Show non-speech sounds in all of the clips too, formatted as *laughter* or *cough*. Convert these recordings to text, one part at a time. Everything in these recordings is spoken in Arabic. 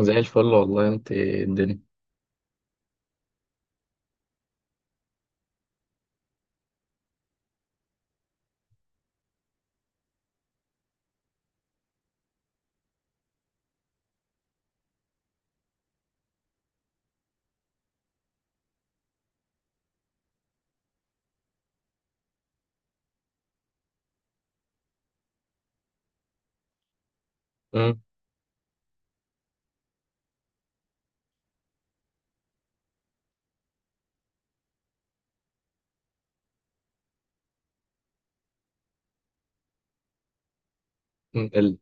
زي الفل والله انت الدنيا. مم. مم.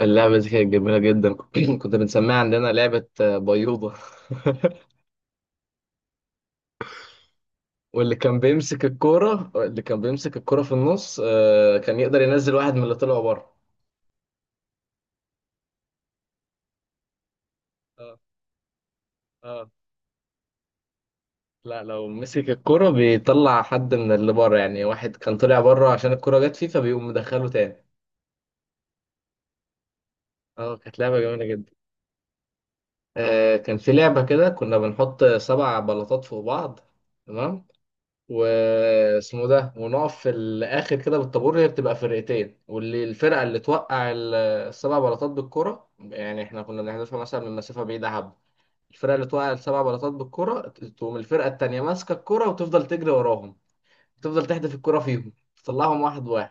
اللعبة دي كانت جميلة جدا. *clears throat* كنا بنسميها عندنا لعبة بيوضة. *laughs* واللي كان بيمسك الكورة، في النص كان يقدر ينزل واحد من اللي طلعوا بره. اه، اه، لا، لو مسك الكورة بيطلع حد من اللي بره، يعني واحد كان طلع بره عشان الكورة جت فيه فبيقوم مدخله تاني. اه، كانت لعبة جميلة جدا. كان في لعبة كده كنا بنحط سبع بلاطات فوق بعض، تمام، واسمه ده، ونقف في الاخر كده بالطابور، هي بتبقى فرقتين، واللي الفرقه اللي توقع السبع بلاطات بالكرة، يعني احنا كنا بنحذفها مثلا من مسافه بعيده حبه. الفرقه اللي توقع السبع بلاطات بالكرة تقوم الفرقه التانيه ماسكه الكرة وتفضل تجري وراهم، تفضل تحدف الكرة فيهم تطلعهم واحد واحد.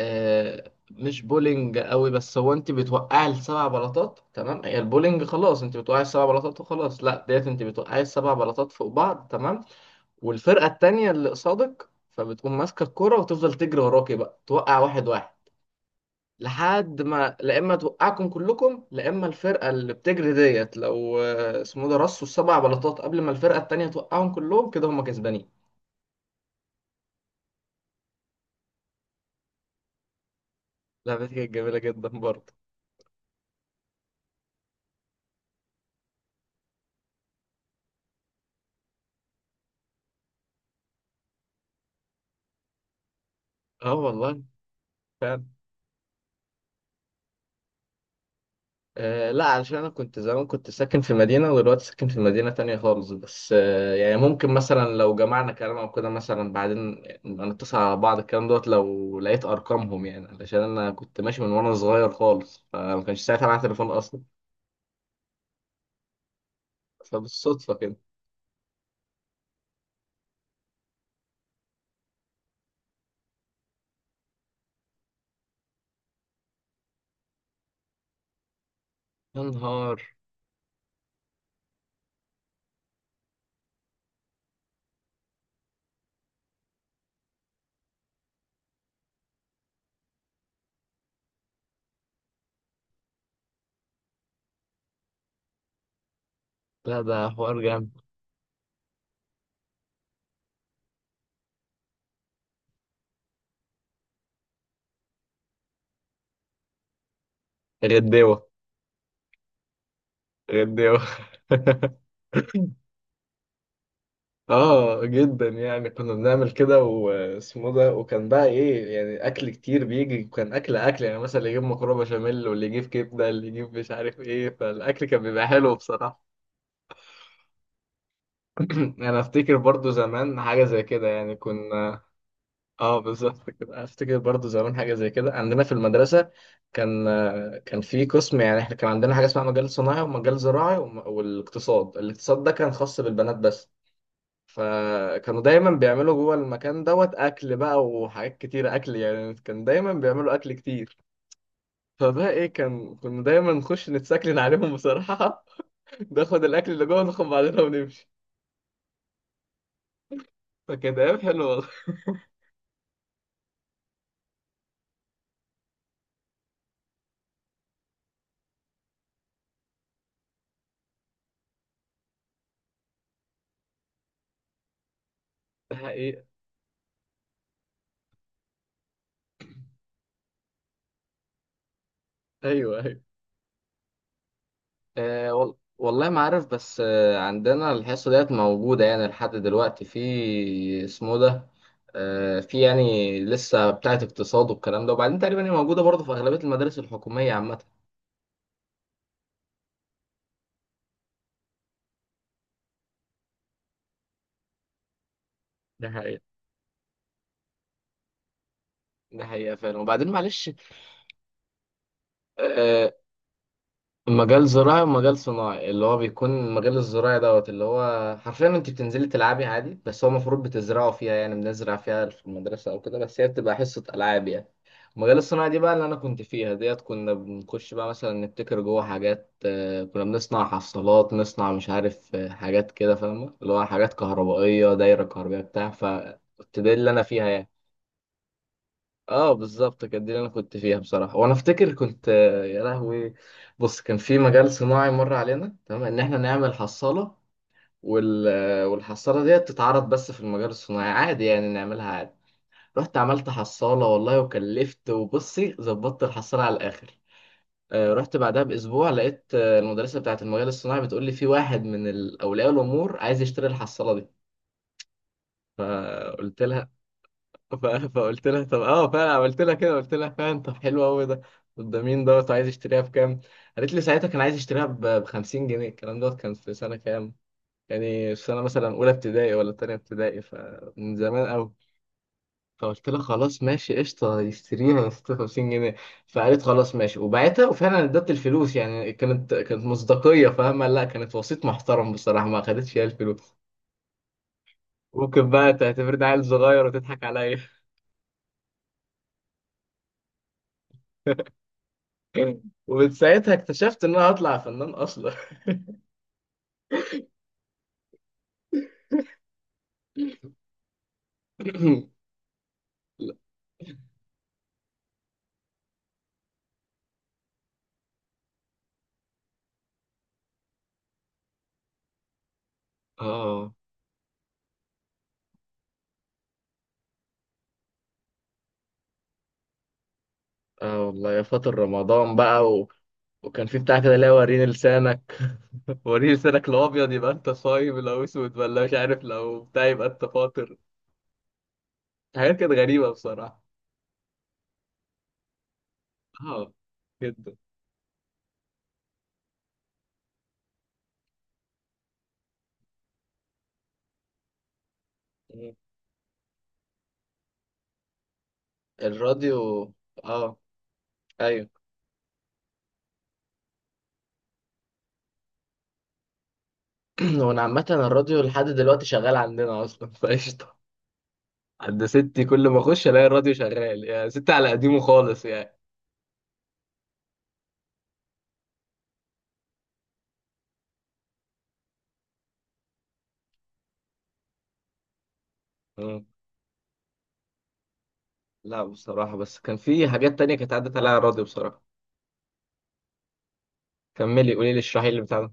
آه، مش بولينج قوي، بس هو انت بتوقعي السبع بلاطات، تمام، هي البولينج، خلاص، انت بتوقعي السبع بلاطات وخلاص، لا ديت انت بتوقعي السبع بلاطات فوق بعض تمام. والفرقة التانية اللي قصادك فبتقوم ماسكة الكرة وتفضل تجري وراكي بقى توقع واحد واحد، لحد ما، لا اما توقعكم كلكم لا اما الفرقة اللي بتجري ديت لو اسمه ده رصوا السبع بلاطات قبل ما الفرقة التانية توقعهم كلهم كده هم كسبانين. لعبة كانت جميلة جدا برضه. اه والله. فعلا. آه، لا علشان انا كنت زمان، كنت ساكن في مدينة ودلوقتي ساكن في مدينة تانية خالص، بس آه يعني ممكن مثلا لو جمعنا كلام او كده مثلا بعدين نبقى نتصل على بعض، الكلام دوت لو لقيت ارقامهم، يعني علشان انا كنت ماشي من وانا صغير خالص فما كانش ساعتها معايا تليفون اصلا. فبالصدفة كده. يا نهار. لا، ده حوار جامد. غداوة. غداوة. *laughs* اه جدا، يعني كنا بنعمل كده واسمه ده، وكان بقى ايه يعني، اكل كتير بيجي، وكان اكل، اكل، يعني مثلا اللي يجيب مكرونه بشاميل واللي يجيب كبده، اللي يجيب مش عارف ايه، فالاكل كان بيبقى حلو بصراحه. *clears throat* انا افتكر برضو زمان حاجه زي كده، يعني كنا. اه، بالظبط كده، افتكر برضو زمان حاجه زي كده عندنا في المدرسه. كان كان في قسم، يعني احنا كان عندنا حاجه اسمها مجال صناعي ومجال زراعي والاقتصاد، ده كان خاص بالبنات بس، فكانوا دايما بيعملوا جوه المكان دوت اكل بقى وحاجات كتير اكل، يعني كان دايما بيعملوا اكل كتير. فبقى ايه، كان كنا دايما نخش نتسكلن عليهم بصراحة. *laughs* ناخد الاكل اللي جوه، ناخد بعضنا ونمشي. فكانت ايام حلوة والله. *laughs* الحقيقة. ايوه، ايوه، آه، والله ما عارف، بس آه عندنا الحصة ديت موجودة يعني لحد دلوقتي في اسمه ده. آه، في يعني لسه بتاعة اقتصاد والكلام ده، وبعدين تقريبا هي موجودة برضه في أغلبية المدارس الحكومية عامة. ده حقيقة ده حقيقة فعلا، وبعدين معلش. آه، مجال زراعي ومجال صناعي، اللي هو بيكون المجال الزراعي دوت اللي هو حرفيا انت بتنزلي تلعبي عادي، بس هو المفروض بتزرعوا فيها يعني، بنزرع فيها في المدرسة او كده، بس هي بتبقى حصة ألعاب يعني. المجال الصناعي دي بقى اللي انا كنت فيها ديت كنا بنخش بقى مثلا نبتكر جوه حاجات، كنا بنصنع حصالات، نصنع مش عارف حاجات كده، فاهمة، اللي هو حاجات كهربائية، دايرة كهربائية بتاع، فكنت ده اللي انا فيها يعني. اه، بالظبط كانت دي اللي انا كنت فيها بصراحه، وانا افتكر كنت يا لهوي. بص كان في مجال صناعي مر علينا تمام ان احنا نعمل حصاله، والحصاله ديت تتعرض بس في المجال الصناعي عادي يعني نعملها عادي. رحت عملت حصاله والله وكلفت، وبصي ظبطت الحصاله على الاخر. رحت بعدها باسبوع لقيت المدرسه بتاعه المجال الصناعي بتقول لي في واحد من اولياء الامور عايز يشتري الحصاله دي. فقلت لها، فقلت لها طب اه فعلا عملت لها كده، قلت لها فعلا طب حلو قوي ده. طب ده مين دوت وعايز يشتريها بكام؟ قالت لي ساعتها كان عايز يشتريها ب 50 جنيه، الكلام دوت كان في سنه كام؟ يعني في سنه مثلا اولى ابتدائي ولا تانية ابتدائي، فمن زمان قوي. فقلت لها خلاص ماشي قشطه يشتريها يا 56 جنيه. فقالت خلاص ماشي وبعتها وفعلا ادت الفلوس، يعني كانت مصداقيه فاهمه، لا كانت وسيط محترم بصراحه ما خدتش هي الفلوس. ممكن بقى تعتبرني عيل صغير وتضحك عليا. ومن ساعتها اكتشفت ان انا هطلع فنان اصلا. *laughs* اه. اه والله، يا فاطر رمضان بقى وكان في بتاع كده اللي هو وريني لسانك. *laughs* وريني لسانك، لو ابيض يبقى انت صايم، لو اسود ولا مش عارف لو بتاع يبقى انت فاطر. حاجات كانت غريبه بصراحه. اه جدا. مم. الراديو. اه. ايوه. *clears throat* وانا عامه الراديو لحد دلوقتي شغال عندنا اصلا فقشطه. عند ستي كل ما اخش الاقي الراديو شغال، يعني ستي على قديمه خالص يعني. لا بصراحة، بس كان في حاجات تانية كانت عدت عليها راضي بصراحة. كملي قولي لي اشرحي اللي بتاع ده.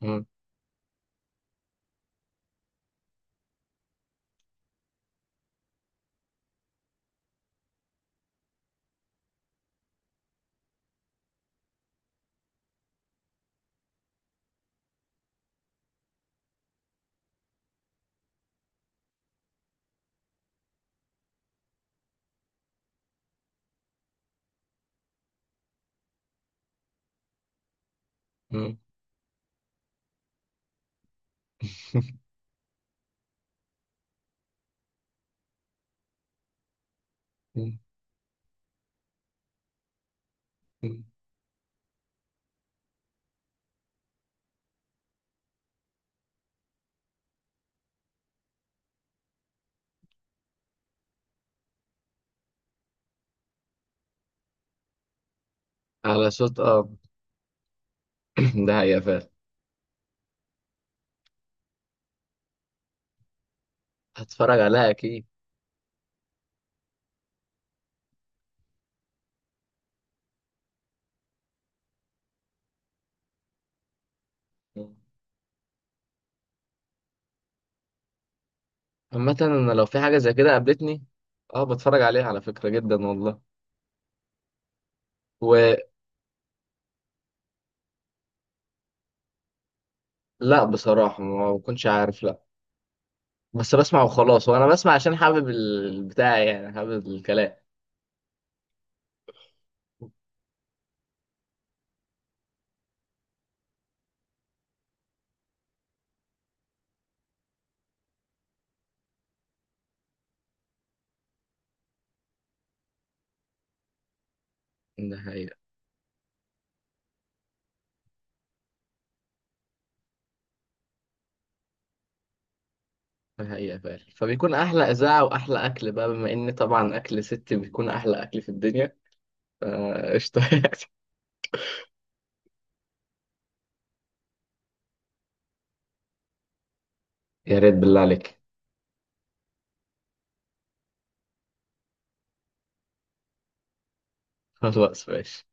مم. مم. *laughs* مم. مم. على صوت اب. *clears throat* ده حقيقة فعلا. هتفرج عليها اكيد. مم. عامة انا لو في حاجة زي كده قابلتني. اه بتفرج عليها على فكرة جدا والله. ولا، بصراحة ما بكونش عارف لا. بس بسمع وخلاص، وانا بسمع عشان حابب البتاع يعني حابب الكلام. ده حقيقة ده حقيقة فعلا، فبيكون أحلى إذاعة وأحلى أكل بقى بما إن طبعا أكل ست بيكون أحلى أكل في الدنيا. قشطة. *laughs* يا ريت بالله عليك. خلاص ماشي.